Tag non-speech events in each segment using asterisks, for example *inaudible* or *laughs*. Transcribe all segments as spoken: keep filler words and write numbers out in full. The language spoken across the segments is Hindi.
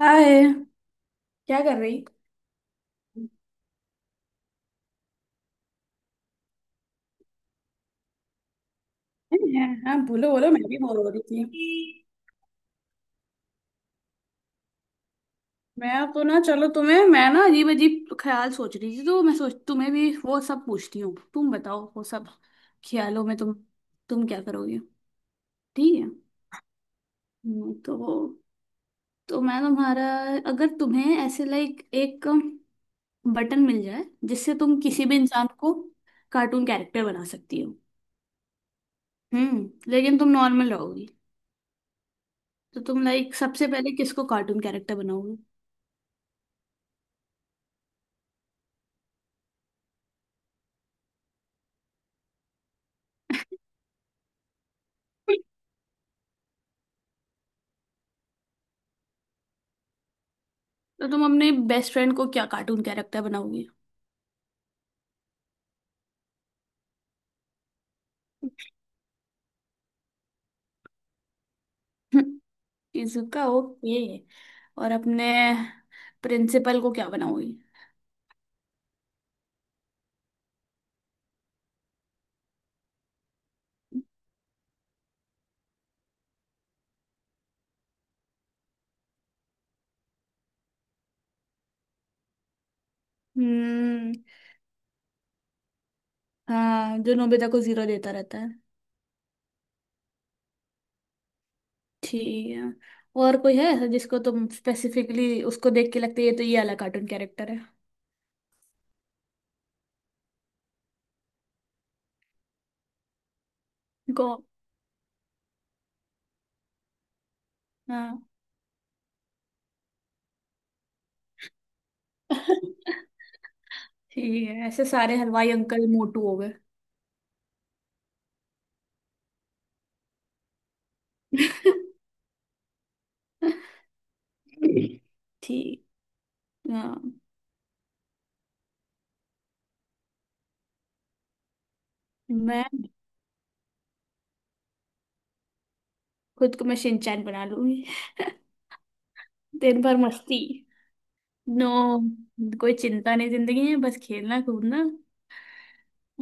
हाय। क्या कर रही। नहीं है। हाँ, बोलो बोलो मैं भी बोर हो रही थी। मैं तो ना, चलो तुम्हें, मैं ना अजीब अजीब ख्याल सोच रही थी, तो मैं सोच तुम्हें भी वो सब पूछती हूँ, तुम बताओ वो सब। ख्यालों में तुम तुम क्या करोगे। ठीक है। हम्म, तो तो मैं तुम्हारा, अगर तुम्हें ऐसे लाइक एक बटन मिल जाए जिससे तुम किसी भी इंसान को कार्टून कैरेक्टर बना सकती हो। हम्म लेकिन तुम नॉर्मल रहोगी, तो तुम लाइक सबसे पहले किसको कार्टून कैरेक्टर बनाओगे। तो तुम अपने बेस्ट फ्रेंड को क्या कार्टून कैरेक्टर बनाओगी। *laughs* Shizuka okay. और अपने प्रिंसिपल को क्या बनाओगी। हम्म। हाँ, जो नोबिता को जीरो देता रहता है। ठीक है। और कोई है ऐसा जिसको तुम स्पेसिफिकली उसको देख के लगता है ये तो ये वाला कार्टून कैरेक्टर है। गो। हाँ। *laughs* ठीक है, ऐसे सारे हलवाई अंकल मोटू हो गए। *laughs* ठीक। हाँ। मैं खुद को मैं शिनचैन बना लूंगी। *laughs* दिन भर मस्ती। नो, कोई चिंता नहीं जिंदगी में, बस खेलना कूदना,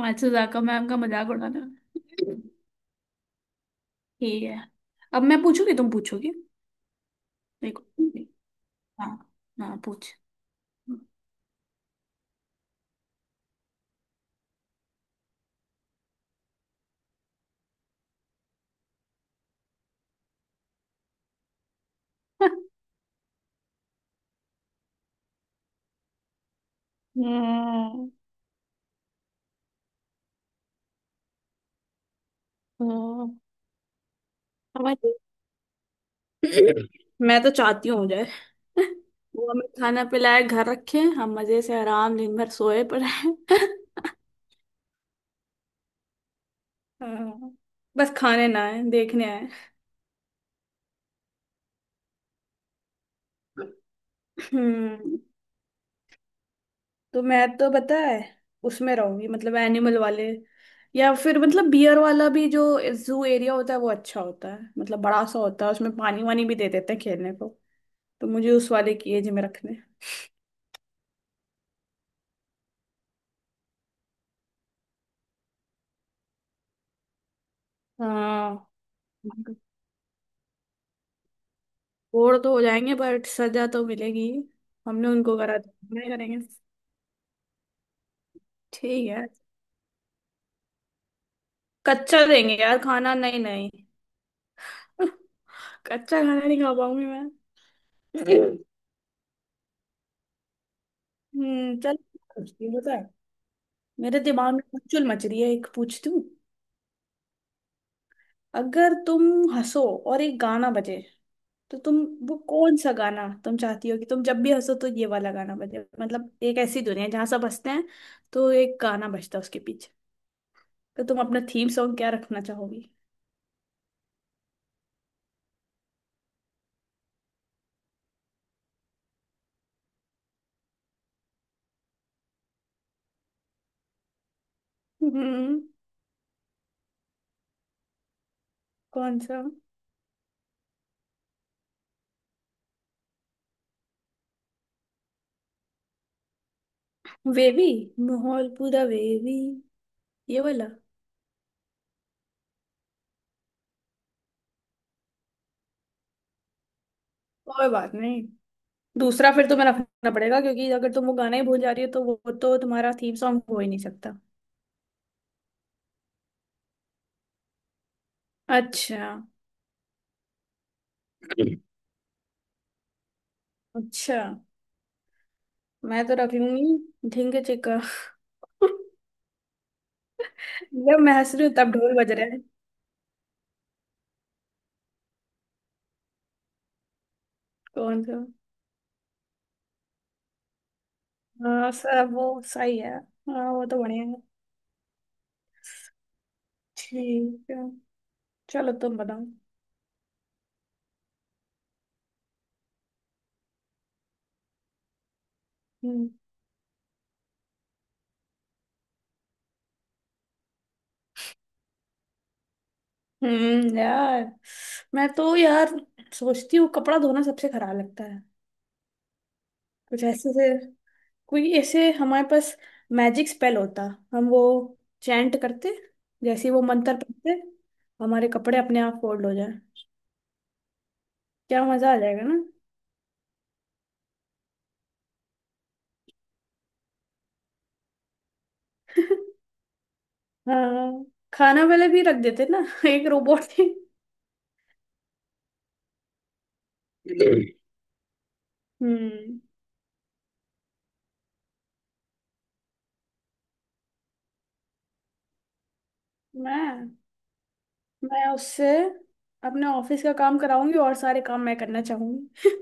मात्सुजाका मैम का मजाक उड़ाना। ठीक है, अब मैं पूछूंगी तुम पूछोगे। देखो। हाँ। हाँ, पूछ। हम्म। हम्म, हमारी, मैं तो चाहती हूँ हो जाए। *laughs* वो हमें खाना पिलाए, घर रखे, हम मजे से आराम दिन भर सोए पड़े। *laughs* हाँ, बस खाने ना आए, देखने आए। हम्म। तो मैं तो पता है, उसमें रहूंगी मतलब एनिमल वाले, या फिर मतलब बियर वाला भी जो जू एरिया होता है वो अच्छा होता है, मतलब बड़ा सा होता है, उसमें पानी वानी भी दे देते हैं खेलने को। तो मुझे उस वाले की एज में रखने। हाँ। बोर तो हो जाएंगे बट सजा तो मिलेगी। हमने उनको करा तो हमने करेंगे। ठीक है। कच्चा देंगे यार खाना, नहीं नहीं। *laughs* कच्चा खाना नहीं खा पाऊंगी मैं। हम्म चल। मेरे दिमाग में हलचल मच रही है, एक पूछती हूँ। अगर तुम हंसो और एक गाना बजे, तो तुम, वो कौन सा गाना तुम चाहती हो कि तुम जब भी हंसो तो ये वाला गाना बजे। मतलब एक ऐसी दुनिया है जहाँ सब हंसते हैं, तो एक गाना बजता है उसके पीछे। तो तुम अपना थीम सॉन्ग क्या रखना चाहोगी। *laughs* हम्म। कौन सा। वेवी, माहौल पूरा वेवी, ये वाला। कोई बात नहीं, दूसरा फिर तुम्हें रखना पड़ेगा, क्योंकि अगर तुम वो गाना ही भूल जा रही हो तो वो, तो तुम्हारा थीम सॉन्ग हो ही नहीं सकता। अच्छा। अच्छा। मैं तो रख लूंगी ढींगे चिक्का। *laughs* जब मैं हंस रही हूँ तब ढोल बज रहा है। कौन सा। हाँ, सब वो सही है। हाँ, वो तो बढ़िया है। ठीक है, चलो तुम बताओ। हम्म। हम्म यार, मैं तो यार सोचती हूँ कपड़ा धोना सबसे खराब लगता है। कुछ ऐसे से, कोई ऐसे हमारे पास मैजिक स्पेल होता, हम वो चैंट करते, जैसे ही वो मंत्र पढ़ते हमारे कपड़े अपने आप फोल्ड हो जाए। क्या मजा आ जाएगा ना। *laughs* हाँ, खाना वाले भी रख देते ना। *laughs* एक रोबोट ही। हम्म। मैं मैं उससे अपने ऑफिस का काम कराऊंगी, और सारे काम मैं करना चाहूंगी। *laughs*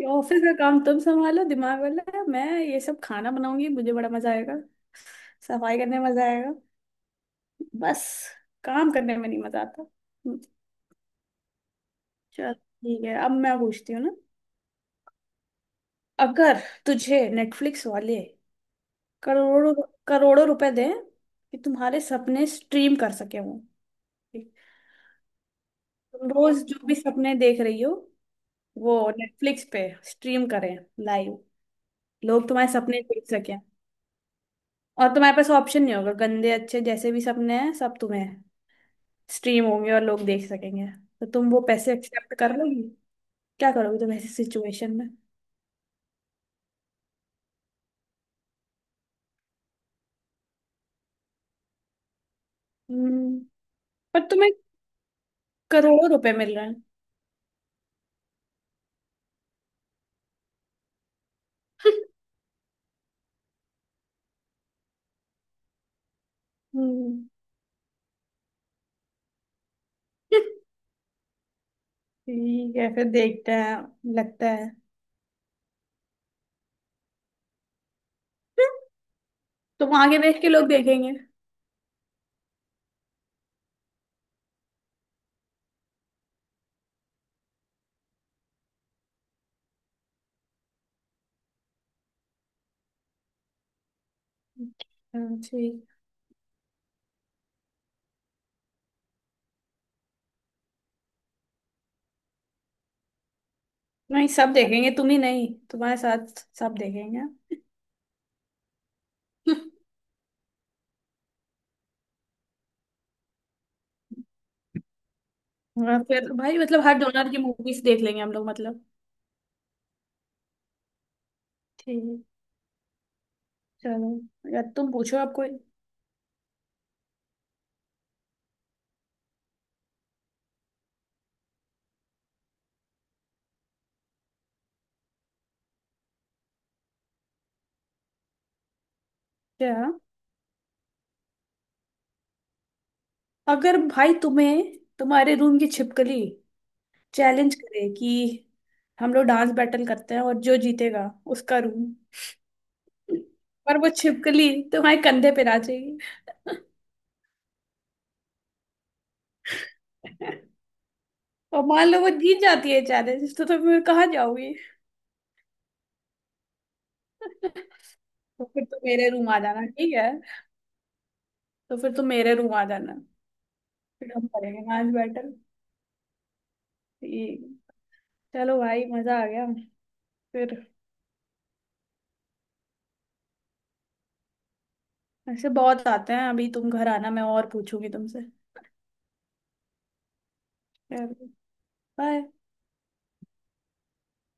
ये ऑफिस का काम तुम संभालो दिमाग वाला, मैं ये सब खाना बनाऊंगी, मुझे बड़ा मजा आएगा। सफाई करने में मजा आएगा, बस काम करने में नहीं मजा आता। हम्म, चल। ठीक है, अब मैं पूछती हूँ ना। अगर तुझे नेटफ्लिक्स वाले करोड़ों करोड़ों रुपए दें कि तुम्हारे सपने स्ट्रीम कर सके वो, तुम रोज जो भी सपने देख रही हो वो नेटफ्लिक्स पे स्ट्रीम करें लाइव, लोग तुम्हारे सपने देख सकें और तुम्हारे पास ऑप्शन नहीं होगा, गंदे अच्छे जैसे भी सपने हैं सब तुम्हें स्ट्रीम होंगे और लोग देख सकेंगे, तो तुम वो पैसे एक्सेप्ट कर लोगी। क्या करोगी तुम ऐसी सिचुएशन में। हम्म। पर तुम्हें करोड़ों रुपए मिल रहे हैं। हम्म, ठीक है, फिर देखते हैं। लगता है तुम आगे देख के लोग देखेंगे। हाँ, ठीक है। नहीं, सब देखेंगे, तुम ही नहीं तुम्हारे साथ सब देखेंगे। *laughs* हाँ, फिर भाई मतलब हर डोनर की मूवीज देख लेंगे हम लोग मतलब। ठीक। चलो, या तुम पूछो आप कोई। क्या। अगर भाई तुम्हें, तुम्हारे रूम की छिपकली चैलेंज करे कि हम लोग डांस बैटल करते हैं और जो जीतेगा उसका रूम, पर वो छिपकली तुम्हारे कंधे पे नाचेगी। *laughs* और मान लो वो जीत जाती है चैलेंज, तो तुम कहाँ जाओगी। *laughs* तो फिर तुम मेरे रूम आ जाना, ठीक है। तो फिर तुम मेरे रूम आ जाना। फिर हम करेंगे मैच बैटल। ठीक। चलो भाई, मजा आ गया। फिर, ऐसे बहुत आते हैं, अभी तुम घर आना मैं और पूछूंगी तुमसे। बाय।